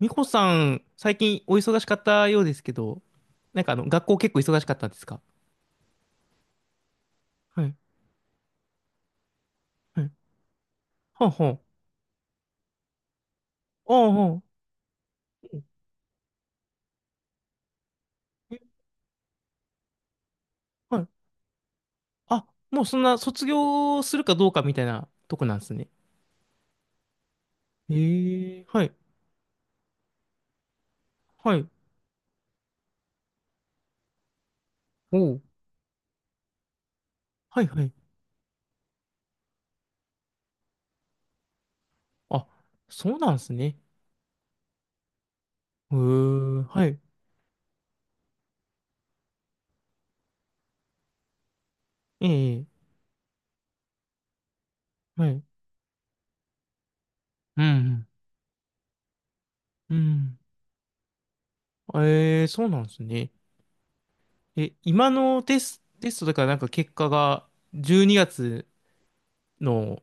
美穂さん、最近お忙しかったようですけど、学校結構忙しかったんですか？はい。はい。ほんほん。おうほう。うん。え、はい。あ、もうそんな卒業するかどうかみたいなとこなんですね。ええ、はい。はい。おう。はい、はい。あ、そうなんですね。へえ、はい。ええ、はい。うん、うん。うん。ええ、そうなんですね。え、今のテス、テストだからなんか結果が12月の、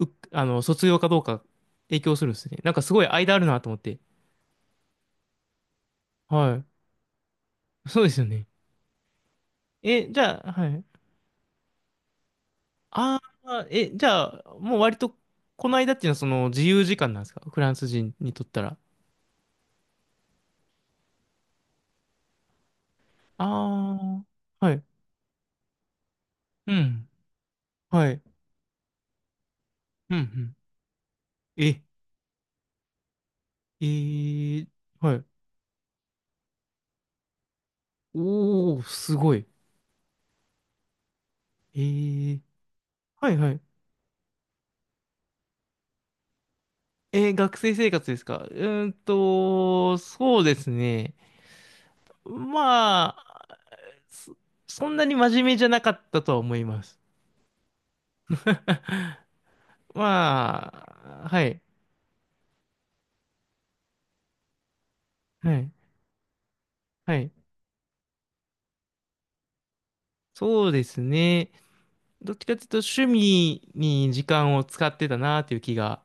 う、あの、卒業かどうか影響するんですね。なんかすごい間あるなと思って。はい。そうですよね。え、じゃあ、はい。ああ、え、じゃあ、もう割と、この間っていうのはその自由時間なんですか？フランス人にとったら。ああ、はい。うん。はい。うん、うん。え、えー、はい。おー、すごい。えー、はいはい。えー、学生生活ですか？うーんと、そうですね。まそ、そんなに真面目じゃなかったとは思います。まあ、はい、はい、はい。そうですね。どっちかというと趣味に時間を使ってたなという気が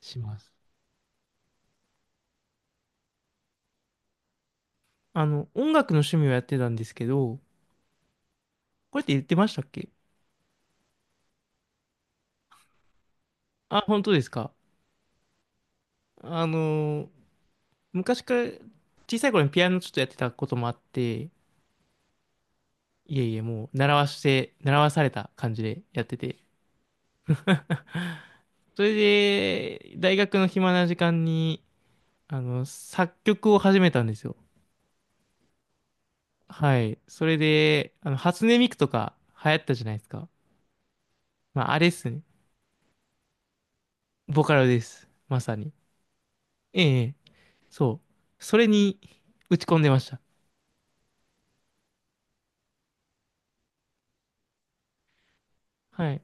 します。音楽の趣味をやってたんですけど、これって言ってましたっけ？あ、本当ですか。あの、昔から小さい頃にピアノちょっとやってたこともあって、いえいえ、もう習わして、習わされた感じでやってて。それで、大学の暇な時間に、作曲を始めたんですよ。はい。それで、初音ミクとか流行ったじゃないですか。まあ、あれっすね。ボカロです。まさに。ええ、そう。それに打ち込んでました。はい。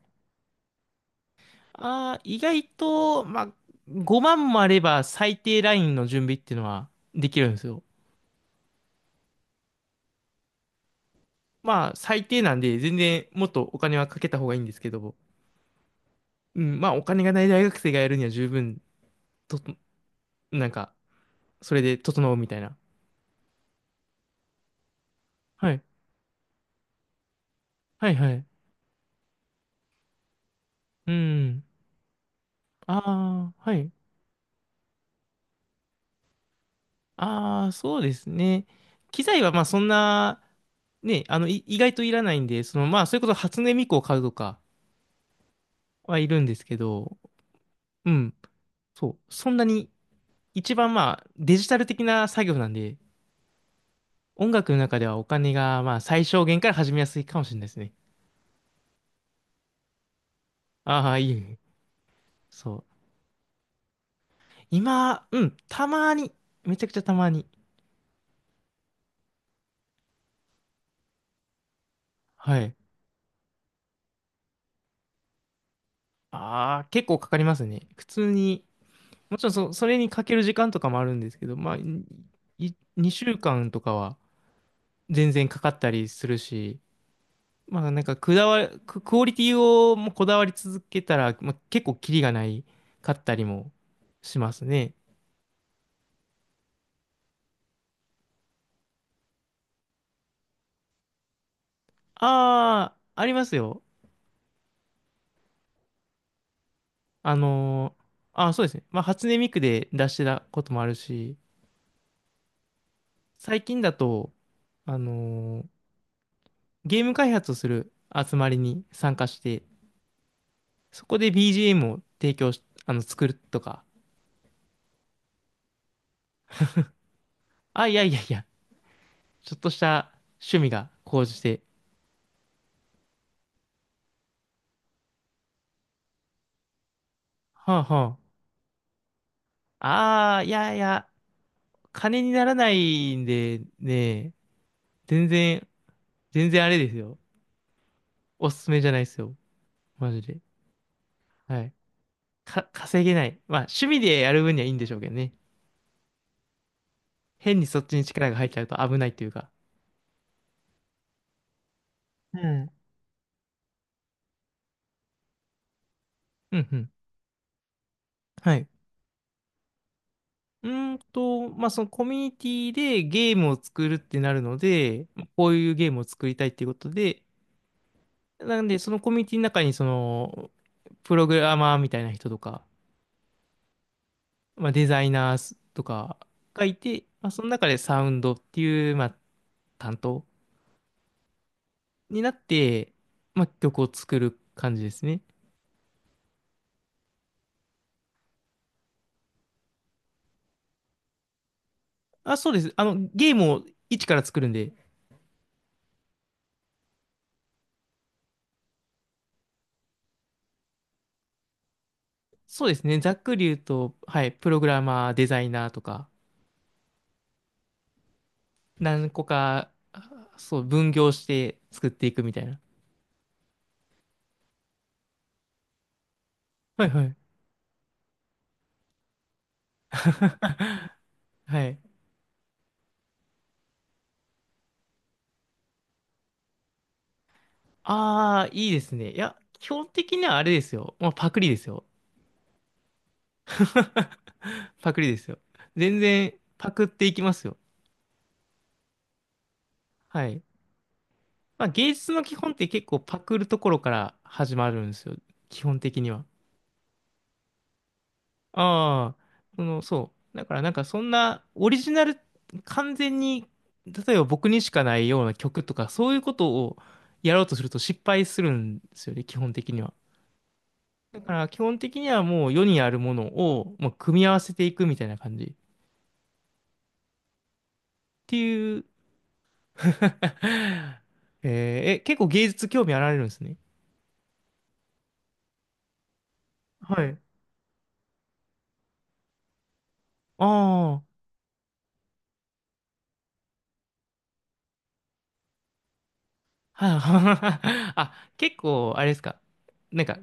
ああ、意外と、まあ、5万もあれば最低ラインの準備っていうのはできるんですよ。まあ、最低なんで、全然もっとお金はかけた方がいいんですけど、うん、まあ、お金がない大学生がやるには十分と、なんか、それで整うみたいな。はい。はいはい。うん。ああ、はい。ああ、そうですね。機材はまあそんな、ね、意外といらないんで、その、まあ、それこそ初音ミクを買うとかはいるんですけど、うん。そう。そんなに、一番まあ、デジタル的な作業なんで、音楽の中ではお金がまあ、最小限から始めやすいかもしれないですね。ああ、いいね。そう。今、うん、たまに、めちゃくちゃたまに。はい。ああ、結構かかりますね。普通に、もちろんそ、それにかける時間とかもあるんですけど、まあ、2週間とかは全然かかったりするし、まあなんかくだわ、ク、クオリティをもうこだわり続けたら、まあ、結構キリがないかったりもしますね。ああ、ありますよ。あの、ーあー、そうですね。まあ初音ミクで出してたこともあるし、最近だと、あの、ーゲーム開発をする集まりに参加して、そこで BGM を提供し、作るとか、あ、いやいやいや、ちょっとした趣味が高じて、はあ、はあ、あー、いやいや、金にならないんでね、全然、全然あれですよ。おすすめじゃないですよ。マジで。はい。稼げない。まあ、趣味でやる分にはいいんでしょうけどね。変にそっちに力が入っちゃうと危ないというか。うん。うんうん。はい。うーんと、まあ、そのコミュニティでゲームを作るってなるので、こういうゲームを作りたいっていうことで、なんで、そのコミュニティの中に、プログラマーみたいな人とか、まあ、デザイナーとかがいて、まあ、その中でサウンドっていう、まあ、担当になって、まあ、曲を作る感じですね。あ、そうです。ゲームを一から作るんで、そうですね。ざっくり言うと、はい、プログラマー、デザイナーとか、何個か、そう、分業して作っていくみたいな。はいはい。はい。ああ、いいですね。いや、基本的にはあれですよ。まあ、パクリですよ。パクリですよ。全然パクっていきますよ。はい。まあ、芸術の基本って結構パクるところから始まるんですよ。基本的には。ああ、その、そう。だからなんかそんなオリジナル、完全に、例えば僕にしかないような曲とか、そういうことをやろうとすると失敗するんですよね、基本的には。だから基本的にはもう世にあるものを、まあ、組み合わせていくみたいな感じ。っていう えー、え、結構芸術興味あられるんですね。はい。ああ、はいはい。あ、結構、あれですか。なんか、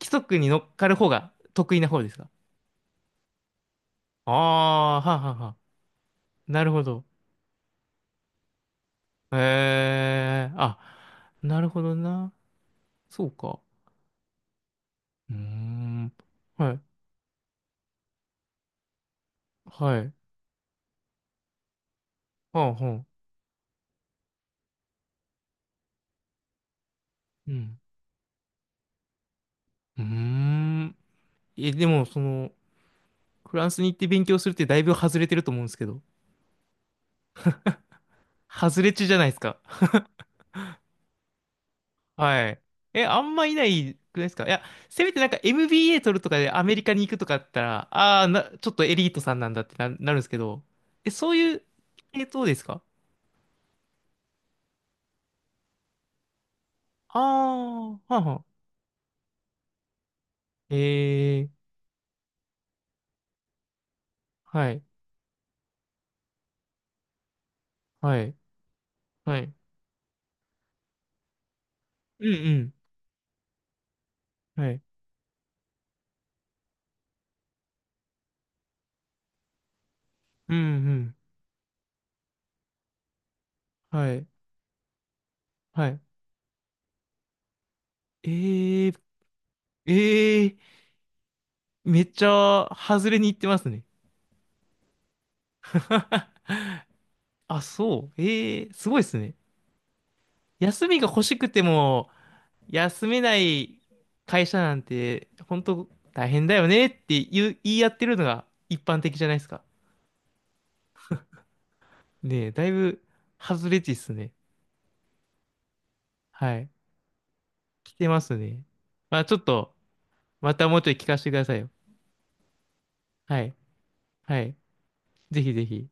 規則に乗っかる方が得意な方ですか？ああ、ははは。なるほど。へえ、あ、なるほどな。そうか。うーん。はい。はい。はあ、はあ。うん。うーん。でも、その、フランスに行って勉強するってだいぶ外れてると思うんですけど。外れ値じゃないですか。はい。え、あんまいないくないですか？いや、せめてなんか MBA 取るとかでアメリカに行くとかだったら、ちょっとエリートさんなんだって、なるんですけど。え、そういう系統ですか？ああー、はあ、はええ、はい、はい、はい。うんうん、はい。うんうん、はい、はい。ええ、ええ、めっちゃ外れに行ってますね。あ、そう。ええ、すごいですね。休みが欲しくても、休めない会社なんて、本当大変だよねって言い合ってるのが一般的じゃないですか。ねえ、だいぶ外れ値っすね。はい。来てますね。まあちょっと、またもうちょい聞かせてくださいよ。はい。はい。ぜひぜひ。